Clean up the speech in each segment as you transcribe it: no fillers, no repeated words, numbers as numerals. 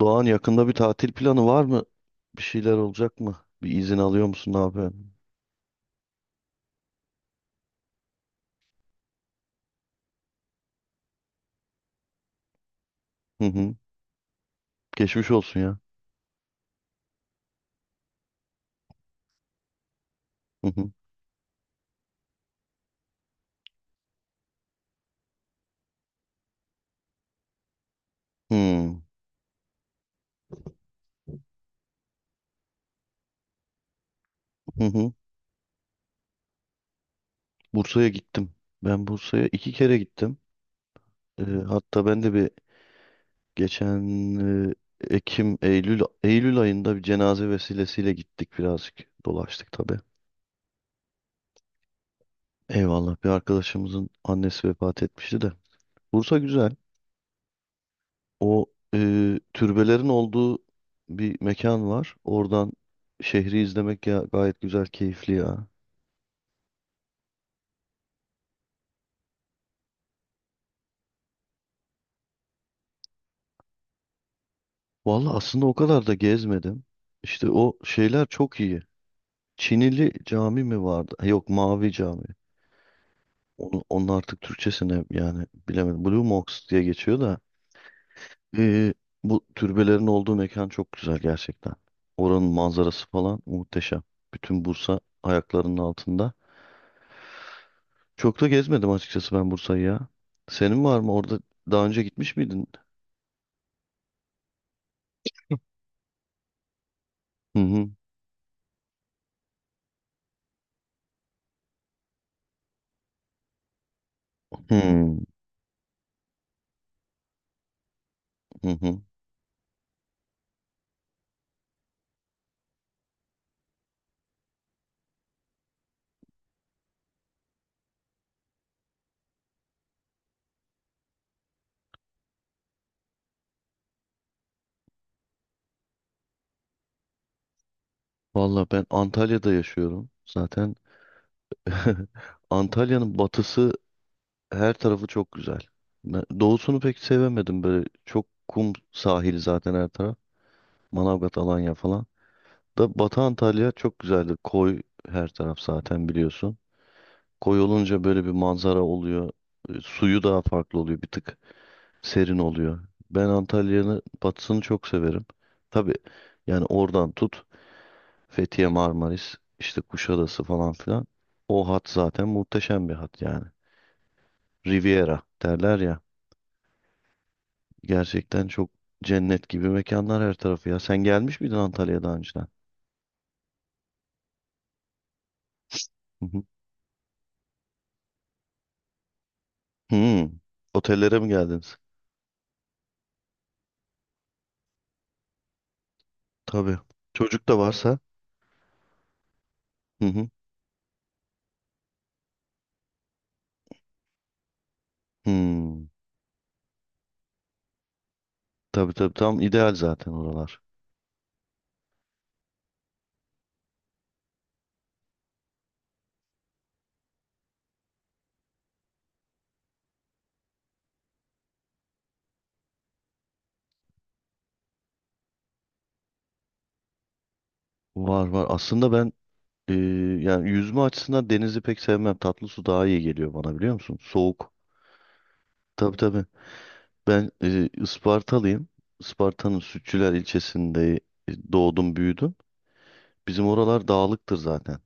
Doğan yakında bir tatil planı var mı? Bir şeyler olacak mı? Bir izin alıyor musun? Ne yapıyorsun? Hı hı. Geçmiş olsun ya. Hı hı. Hmm. Hı hı. Bursa'ya gittim. Ben Bursa'ya iki kere gittim. Ee, Hatta ben de bir geçen e, Ekim, Eylül, Eylül ayında bir cenaze vesilesiyle gittik birazcık. Dolaştık tabii. Eyvallah, bir arkadaşımızın annesi vefat etmişti de. Bursa güzel. O, e, türbelerin olduğu bir mekan var. Oradan şehri izlemek ya gayet güzel, keyifli ya. Vallahi aslında o kadar da gezmedim. İşte o şeyler çok iyi. Çinili cami mi vardı? Ha, yok, Mavi Cami. Onu, onun artık Türkçesine yani bilemedim. Blue Mosque diye geçiyor da. E, Bu türbelerin olduğu mekan çok güzel gerçekten. Oranın manzarası falan muhteşem. Bütün Bursa ayaklarının altında. Çok da gezmedim açıkçası ben Bursa'yı ya. Senin var mı orada, daha önce gitmiş miydin? Hı hı. Hı hı hı. Valla ben Antalya'da yaşıyorum zaten. Antalya'nın batısı, her tarafı çok güzel. Ben doğusunu pek sevemedim, böyle çok kum sahili zaten her taraf. Manavgat, Alanya falan. Da Batı Antalya çok güzeldir. Koy, her taraf zaten biliyorsun. Koy olunca böyle bir manzara oluyor. Suyu daha farklı oluyor bir tık, serin oluyor. Ben Antalya'nın batısını çok severim. Tabii yani oradan tut, Fethiye, Marmaris, işte Kuşadası falan filan. O hat zaten muhteşem bir hat yani. Riviera derler ya. Gerçekten çok cennet gibi mekanlar her tarafı ya. Sen gelmiş miydin Antalya'ya daha önceden? Hı hı. Hmm. Otellere mi geldiniz? Tabii. Çocuk da varsa. Hı hı. Hmm. Tabii tabii, tam ideal zaten oralar. Var var. Aslında ben, Ee, yani yüzme açısından denizi pek sevmem. Tatlı su daha iyi geliyor bana, biliyor musun? Soğuk. Tabii tabii. Ben Ispartalıyım. Isparta'nın Sütçüler ilçesinde doğdum büyüdüm. Bizim oralar dağlıktır zaten.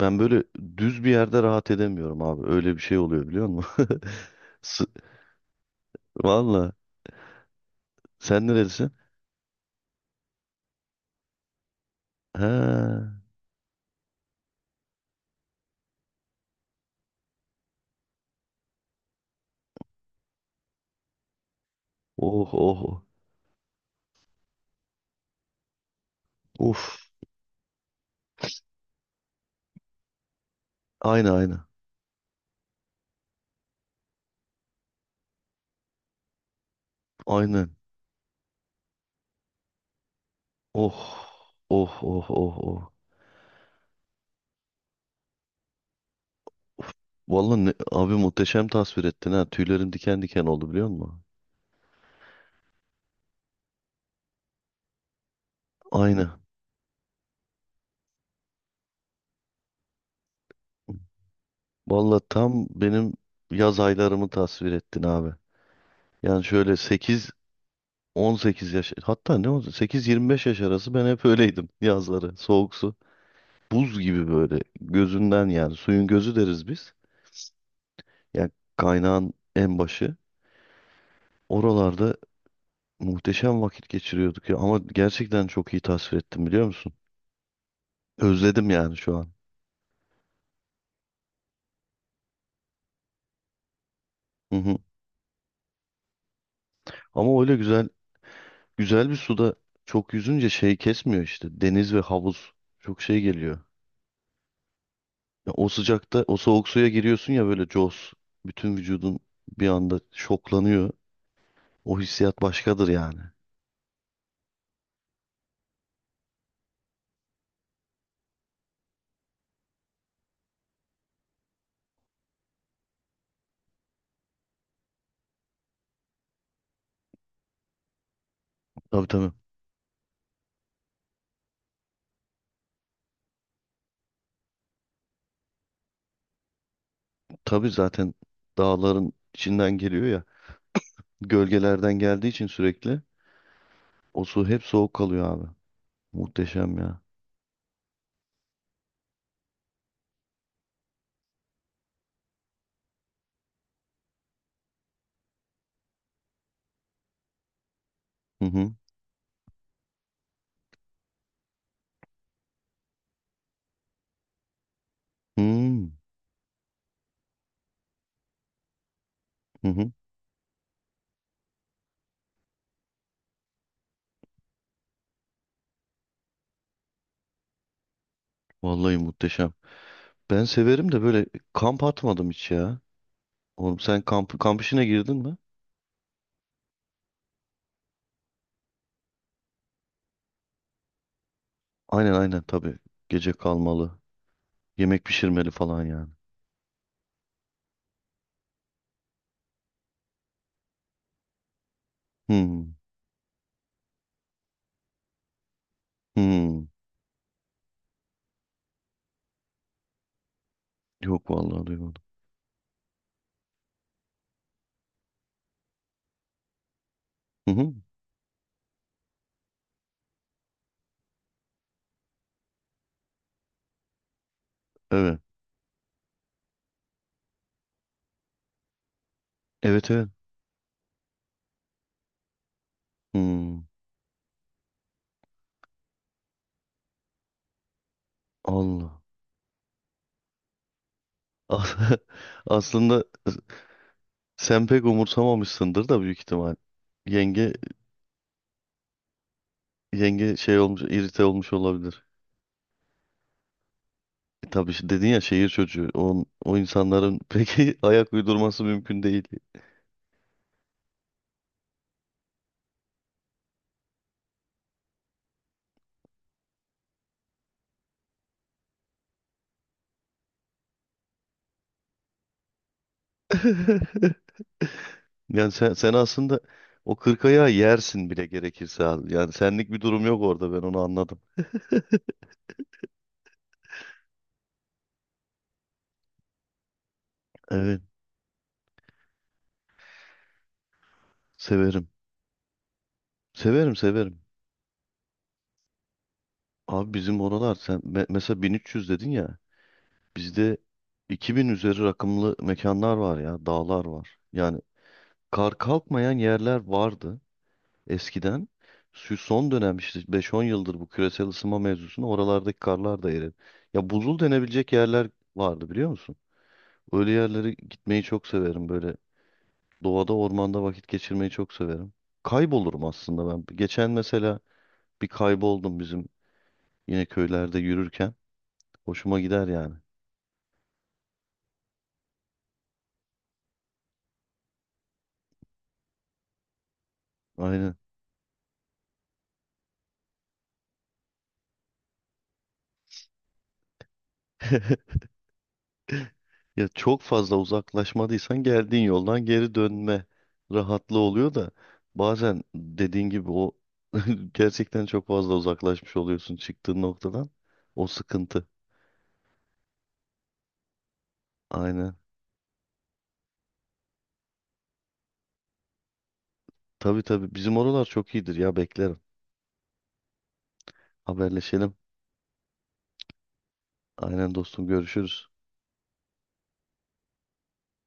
Ben böyle düz bir yerde rahat edemiyorum abi. Öyle bir şey oluyor biliyor musun? Su- Valla. Sen nerelisin? He. Oh oh oh. Uf. Aynı aynı. Aynen. Oh. Oh oh oh oh. Of, vallahi abi muhteşem tasvir ettin ha. Tüylerim diken diken oldu biliyor musun? Aynı. Vallahi tam benim yaz aylarımı tasvir ettin abi. Yani şöyle sekiz on sekiz yaş, hatta ne oldu, sekiz yirmi beş yaş arası ben hep öyleydim yazları. Soğuk su. Buz gibi böyle gözünden, yani suyun gözü deriz biz. Yani kaynağın en başı. Oralarda muhteşem vakit geçiriyorduk ya, ama gerçekten çok iyi tasvir ettim biliyor musun? Özledim yani şu an. Hı hı. Ama öyle güzel, güzel bir suda çok yüzünce şey kesmiyor işte. Deniz ve havuz çok şey geliyor. Ya o sıcakta o soğuk suya giriyorsun ya, böyle cos. Bütün vücudun bir anda şoklanıyor. O hissiyat başkadır yani. Tabii tabii. Tabii zaten dağların içinden geliyor ya. Gölgelerden geldiği için sürekli o su hep soğuk kalıyor abi. Muhteşem ya. Hı hı. Hmm. Hı hı. Vallahi muhteşem. Ben severim de böyle kamp atmadım hiç ya. Oğlum sen kamp işine girdin mi? Aynen aynen tabii. Gece kalmalı. Yemek pişirmeli falan yani. Hmm. Hmm. Yok vallahi duymadım. Hı hı. Evet. Evet evet. Hmm. Allah. As- Aslında sen pek umursamamışsındır da büyük ihtimal. Yenge yenge şey olmuş, irite olmuş olabilir. E, tabii dedin ya, şehir çocuğu. O, o insanların peki ayak uydurması mümkün değil. Yani sen aslında o kırk ayağı yersin bile gerekirse abi. Yani senlik bir durum yok orada, ben onu anladım. Evet, severim. Severim, severim. Abi bizim oralar sen mesela 1300 dedin ya. Bizde 2000 üzeri rakımlı mekanlar var ya, dağlar var. Yani kar kalkmayan yerler vardı eskiden. Şu son dönem işte 5-10 yıldır bu küresel ısınma mevzusunu oralardaki karlar da eridi. Ya buzul denebilecek yerler vardı biliyor musun? Öyle yerlere gitmeyi çok severim böyle. Doğada, ormanda vakit geçirmeyi çok severim. Kaybolurum aslında ben. Geçen mesela bir kayboldum bizim, yine köylerde yürürken hoşuma gider yani. Aynen. Ya çok fazla uzaklaşmadıysan geldiğin yoldan geri dönme rahatlığı oluyor da, bazen dediğin gibi o gerçekten çok fazla uzaklaşmış oluyorsun çıktığın noktadan. O sıkıntı. Aynen. Tabii tabii, bizim oralar çok iyidir ya, beklerim. Haberleşelim. Aynen dostum, görüşürüz.